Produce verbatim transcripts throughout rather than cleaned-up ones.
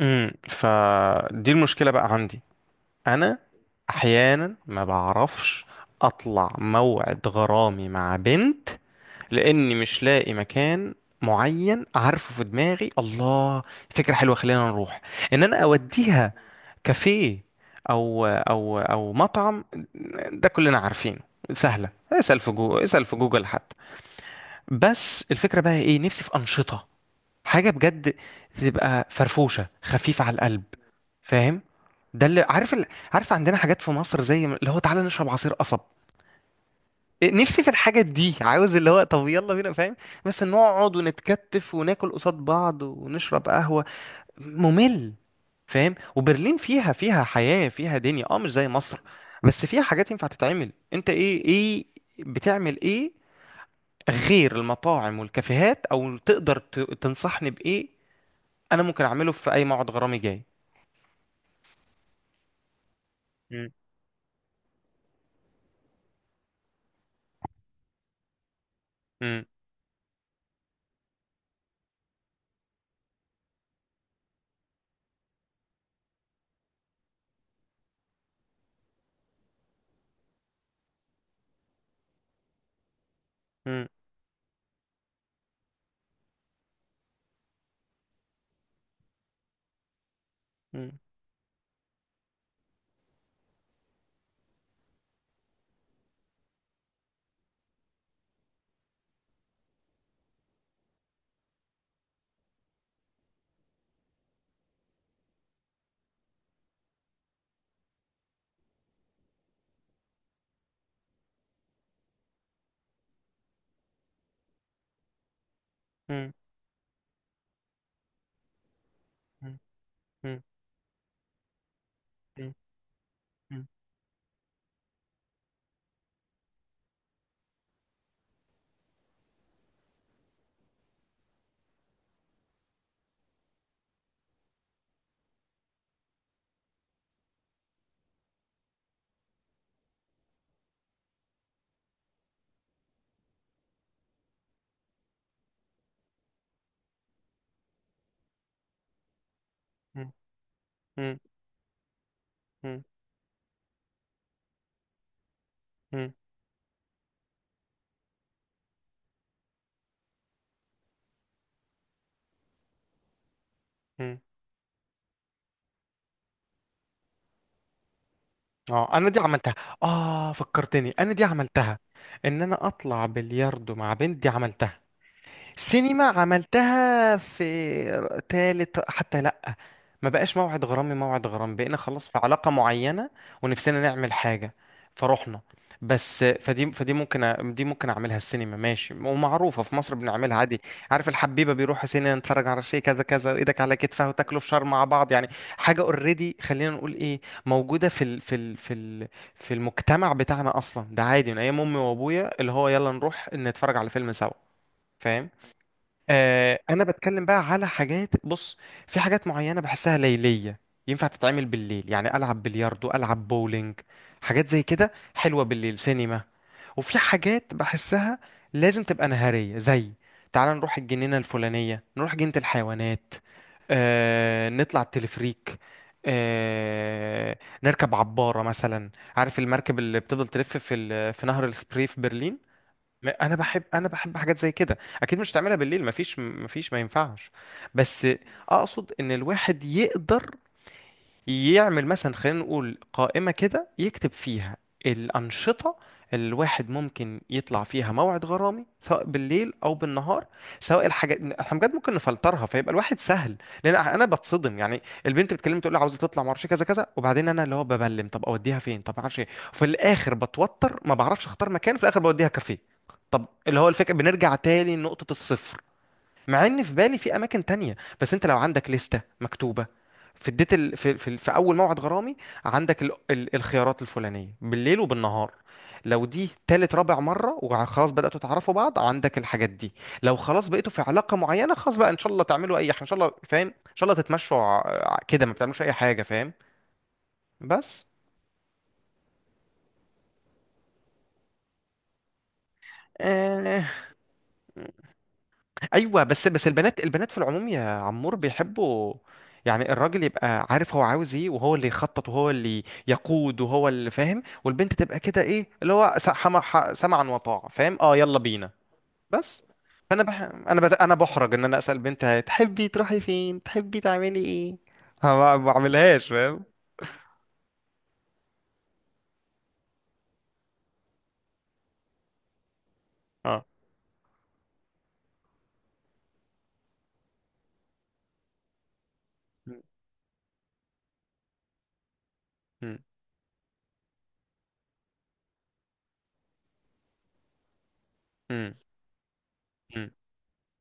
امم فدي المشكله بقى عندي انا. احيانا ما بعرفش اطلع موعد غرامي مع بنت لاني مش لاقي مكان معين، عارفه في دماغي. الله، فكره حلوه، خلينا نروح ان انا اوديها كافيه او او او مطعم، ده كلنا عارفينه سهله. اسال في جوجل، اسال في جوجل حتى. بس الفكره بقى ايه، نفسي في انشطه، حاجه بجد تبقى فرفوشه خفيفه على القلب، فاهم؟ ده اللي عارف ال... عارف عندنا حاجات في مصر زي ما- اللي هو تعالى نشرب عصير قصب. إيه، نفسي في الحاجات دي، عاوز اللي هو طب يلا بينا، فاهم؟ بس نقعد ونتكتف وناكل قصاد بعض ونشرب قهوة، ممل. فاهم؟ وبرلين فيها فيها حياة فيها دنيا، اه مش زي مصر، بس فيها حاجات ينفع تتعمل. انت ايه، ايه بتعمل ايه غير المطاعم والكافيهات، او تقدر ت... تنصحني بايه انا ممكن اعمله في اي موعد غرامي جاي؟ مم. مم. مم. مم. مم. مم. مم. مم. مم. مم. مم. مم. مم. اه، انا دي عملتها. اه، فكرتني، انا دي عملتها، ان انا اطلع بلياردو مع بنت، دي عملتها. سينما عملتها في ر- تالت حتى، لأ ما بقاش موعد غرامي، موعد غرامي بقينا خلاص في علاقة معينة ونفسنا نعمل حاجة فروحنا. بس فدي فدي ممكن أ- دي ممكن اعملها. السينما ماشي، ومعروفة في مصر، بنعملها عادي. عارف الحبيبة بيروحوا سينما، نتفرج على شيء كذا كذا، وايدك على كتفها، وتاكلوا فشار مع بعض، يعني حاجة اوريدي، خلينا نقول ايه، موجودة في ال في ال في ال في المجتمع بتاعنا، اصلا ده عادي من ايام امي وابويا اللي هو يلا نروح نتفرج على فيلم سوا، فاهم؟ آه، انا بتكلم بقى على حاجات. بص، في حاجات معينه بحسها ليليه، ينفع تتعمل بالليل، يعني العب بلياردو، العب بولينج، حاجات زي كده حلوه بالليل، سينما. وفي حاجات بحسها لازم تبقى نهاريه، زي تعال نروح الجنينه الفلانيه، نروح جنينه الحيوانات، آه، نطلع التلفريك، آه، نركب عبارة مثلا، عارف المركب اللي بتفضل تلف في ال- في نهر السبري في برلين. م- انا بحب انا بحب حاجات زي كده، اكيد مش هتعملها بالليل، مفيش مفيش ما ينفعش. بس اقصد ان الواحد يقدر يعمل مثلا، خلينا نقول قائمة كده يكتب فيها الأنشطة اللي الواحد ممكن يطلع فيها موعد غرامي، سواء بالليل او بالنهار، سواء الحاجات احنا بجد ممكن نفلترها، فيبقى الواحد سهل. لان انا بتصدم، يعني البنت بتكلمني تقول لي عاوزه تطلع، ما اعرفش كذا كذا، وبعدين انا اللي هو ببلم، طب اوديها فين، طب ما اعرفش ايه، وفي الاخر بتوتر ما بعرفش اختار مكان، في الاخر بوديها كافيه. طب اللي هو الفكره بنرجع تاني لنقطه الصفر، مع ان في بالي في اماكن تانية. بس انت لو عندك لستة مكتوبة في اديت ال... في... في... في اول موعد غرامي، عندك ال... ال... الخيارات الفلانية بالليل وبالنهار، لو دي تالت رابع مرة وخلاص بدأتوا تعرفوا بعض عندك الحاجات دي، لو خلاص بقيتوا في علاقة معينة خلاص بقى ان شاء الله تعملوا اي حاجة، ان شاء الله، فاهم، ان شاء الله تتمشوا ع- ع- كده، ما بتعملوش اي حاجة، فاهم؟ بس آه، ايوه، بس بس البنات البنات في العموم يا عمور بيحبوا يعني الراجل يبقى عارف هو عاوز ايه، وهو اللي يخطط، وهو اللي يقود، وهو اللي فاهم، والبنت تبقى كده ايه اللي هو س- حما- ح- سمعا وطاعة، فاهم؟ اه يلا بينا. بس فانا بح... انا بت... انا بحرج ان انا اسال بنت تحبي تروحي فين، تحبي تعملي ايه؟ أنا ما ما بعملهاش، فاهم؟ اه. م- م- م- م-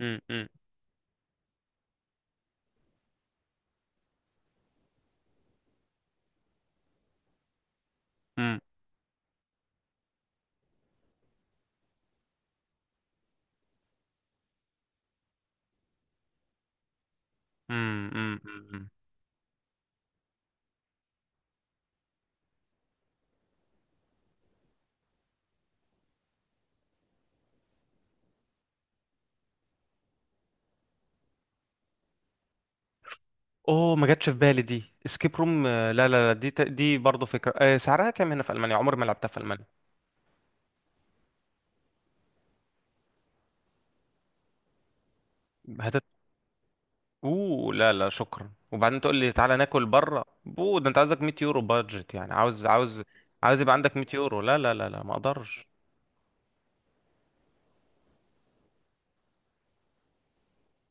م- م- م- م- م- م- م- اوه، ما جاتش في بالي دي، اسكيب روم. آه، لا لا لا، دي ت- دي برضه فكره. آه، سعرها كام هنا في المانيا؟ عمري ما لعبتها في المانيا. هتت اوه لا لا شكرا، وبعدين تقول لي تعالى ناكل بره، بو ده انت عاوزك مية يورو بادجت، يعني عاوز عاوز عاوز يبقى عندك مية يورو. لا لا لا لا، ما اقدرش.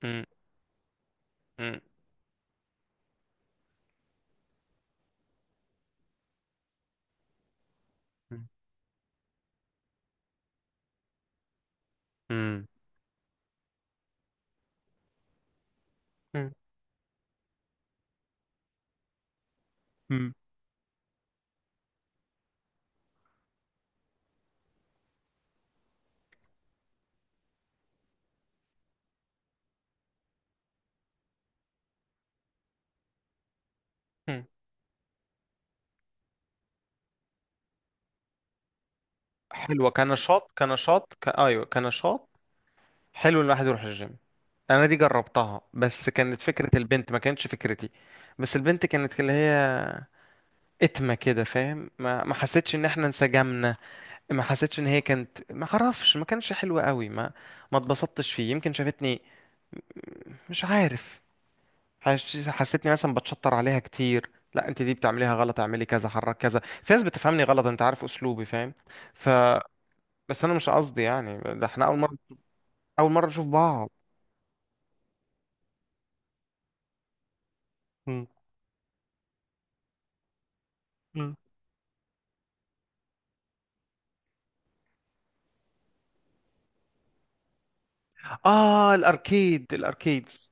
مم. مم. مم. مم. مم. مم. مم. حلوه، كنشاط، كنشاط ك... ايوه كنشاط، حلو الواحد يروح الجيم. انا دي جربتها بس كانت فكره البنت، ما كانتش فكرتي. بس البنت كانت اللي هي اتمة كده، فاهم، ما ما حسيتش ان احنا انسجمنا، ما حسيتش ان هي كانت، ما اعرفش، ما كانش حلو قوي، ما ما اتبسطتش فيه. يمكن شافتني، مش عارف، حش- حسيتني مثلا بتشطر عليها كتير، لا انت دي بتعمليها غلط، اعملي كذا، حرك كذا، في ناس بتفهمني غلط، انت عارف اسلوبي، فاهم؟ ف بس انا مش قصدي، يعني ده احنا اول مرة، اول مرة نشوف بعض. م. م. اه الاركيد، الاركيدز،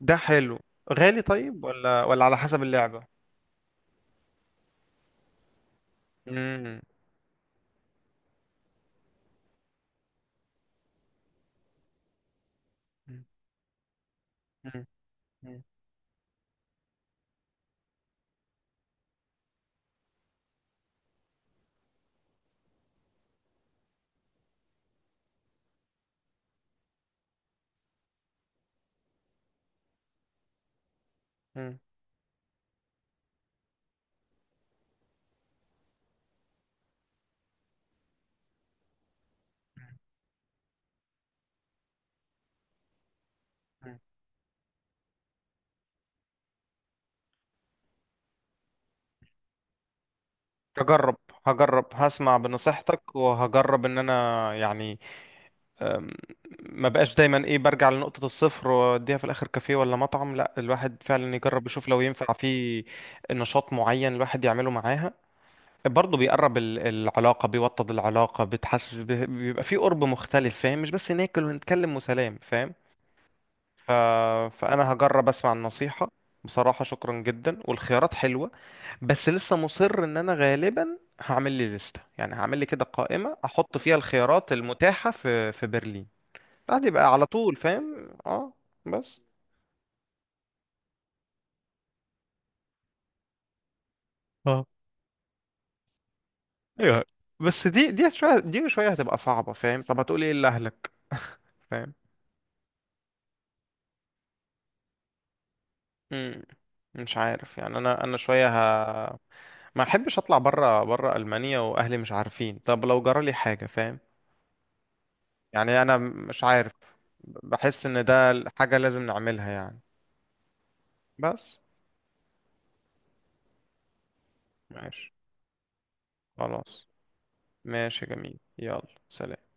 ده حلو. غالي؟ طيب، ولا ولا على حسب اللعبة. امم. مم. هجرب، هجرب هسمع بنصيحتك، وهجرب ان انا يعني أم، ما بقاش دايما ايه برجع لنقطة الصفر واديها في الاخر كافيه ولا مطعم. لا، الواحد فعلا يجرب يشوف لو ينفع في نشاط معين الواحد يعمله معاها، برضه بيقرب ال- العلاقة، بيوطد العلاقة، بتحسس ب- بيبقى في قرب مختلف، فاهم، مش بس ناكل ونتكلم وسلام، فاهم؟ ف... فانا هجرب اسمع النصيحة. بصراحة شكرا جدا، والخيارات حلوة. بس لسه مصر ان انا غالبا هعمل لي لستة، يعني هعمل لي كده قائمة احط فيها الخيارات المتاحة في في برلين، بعد يبقى على طول، فاهم؟ اه. بس اه ايوه، بس دي، دي شوية دي شوية هتبقى صعبة، فاهم؟ طب هتقول ايه لأهلك؟ فاهم؟ مم. مش عارف يعني، انا انا شوية ه... ما احبش اطلع بره بره ألمانيا واهلي مش عارفين، طب لو جرى لي حاجة، فاهم؟ يعني انا مش عارف، بحس ان ده حاجة لازم نعملها، يعني. بس ماشي. خلاص، ماشي، جميل. يلا سلام.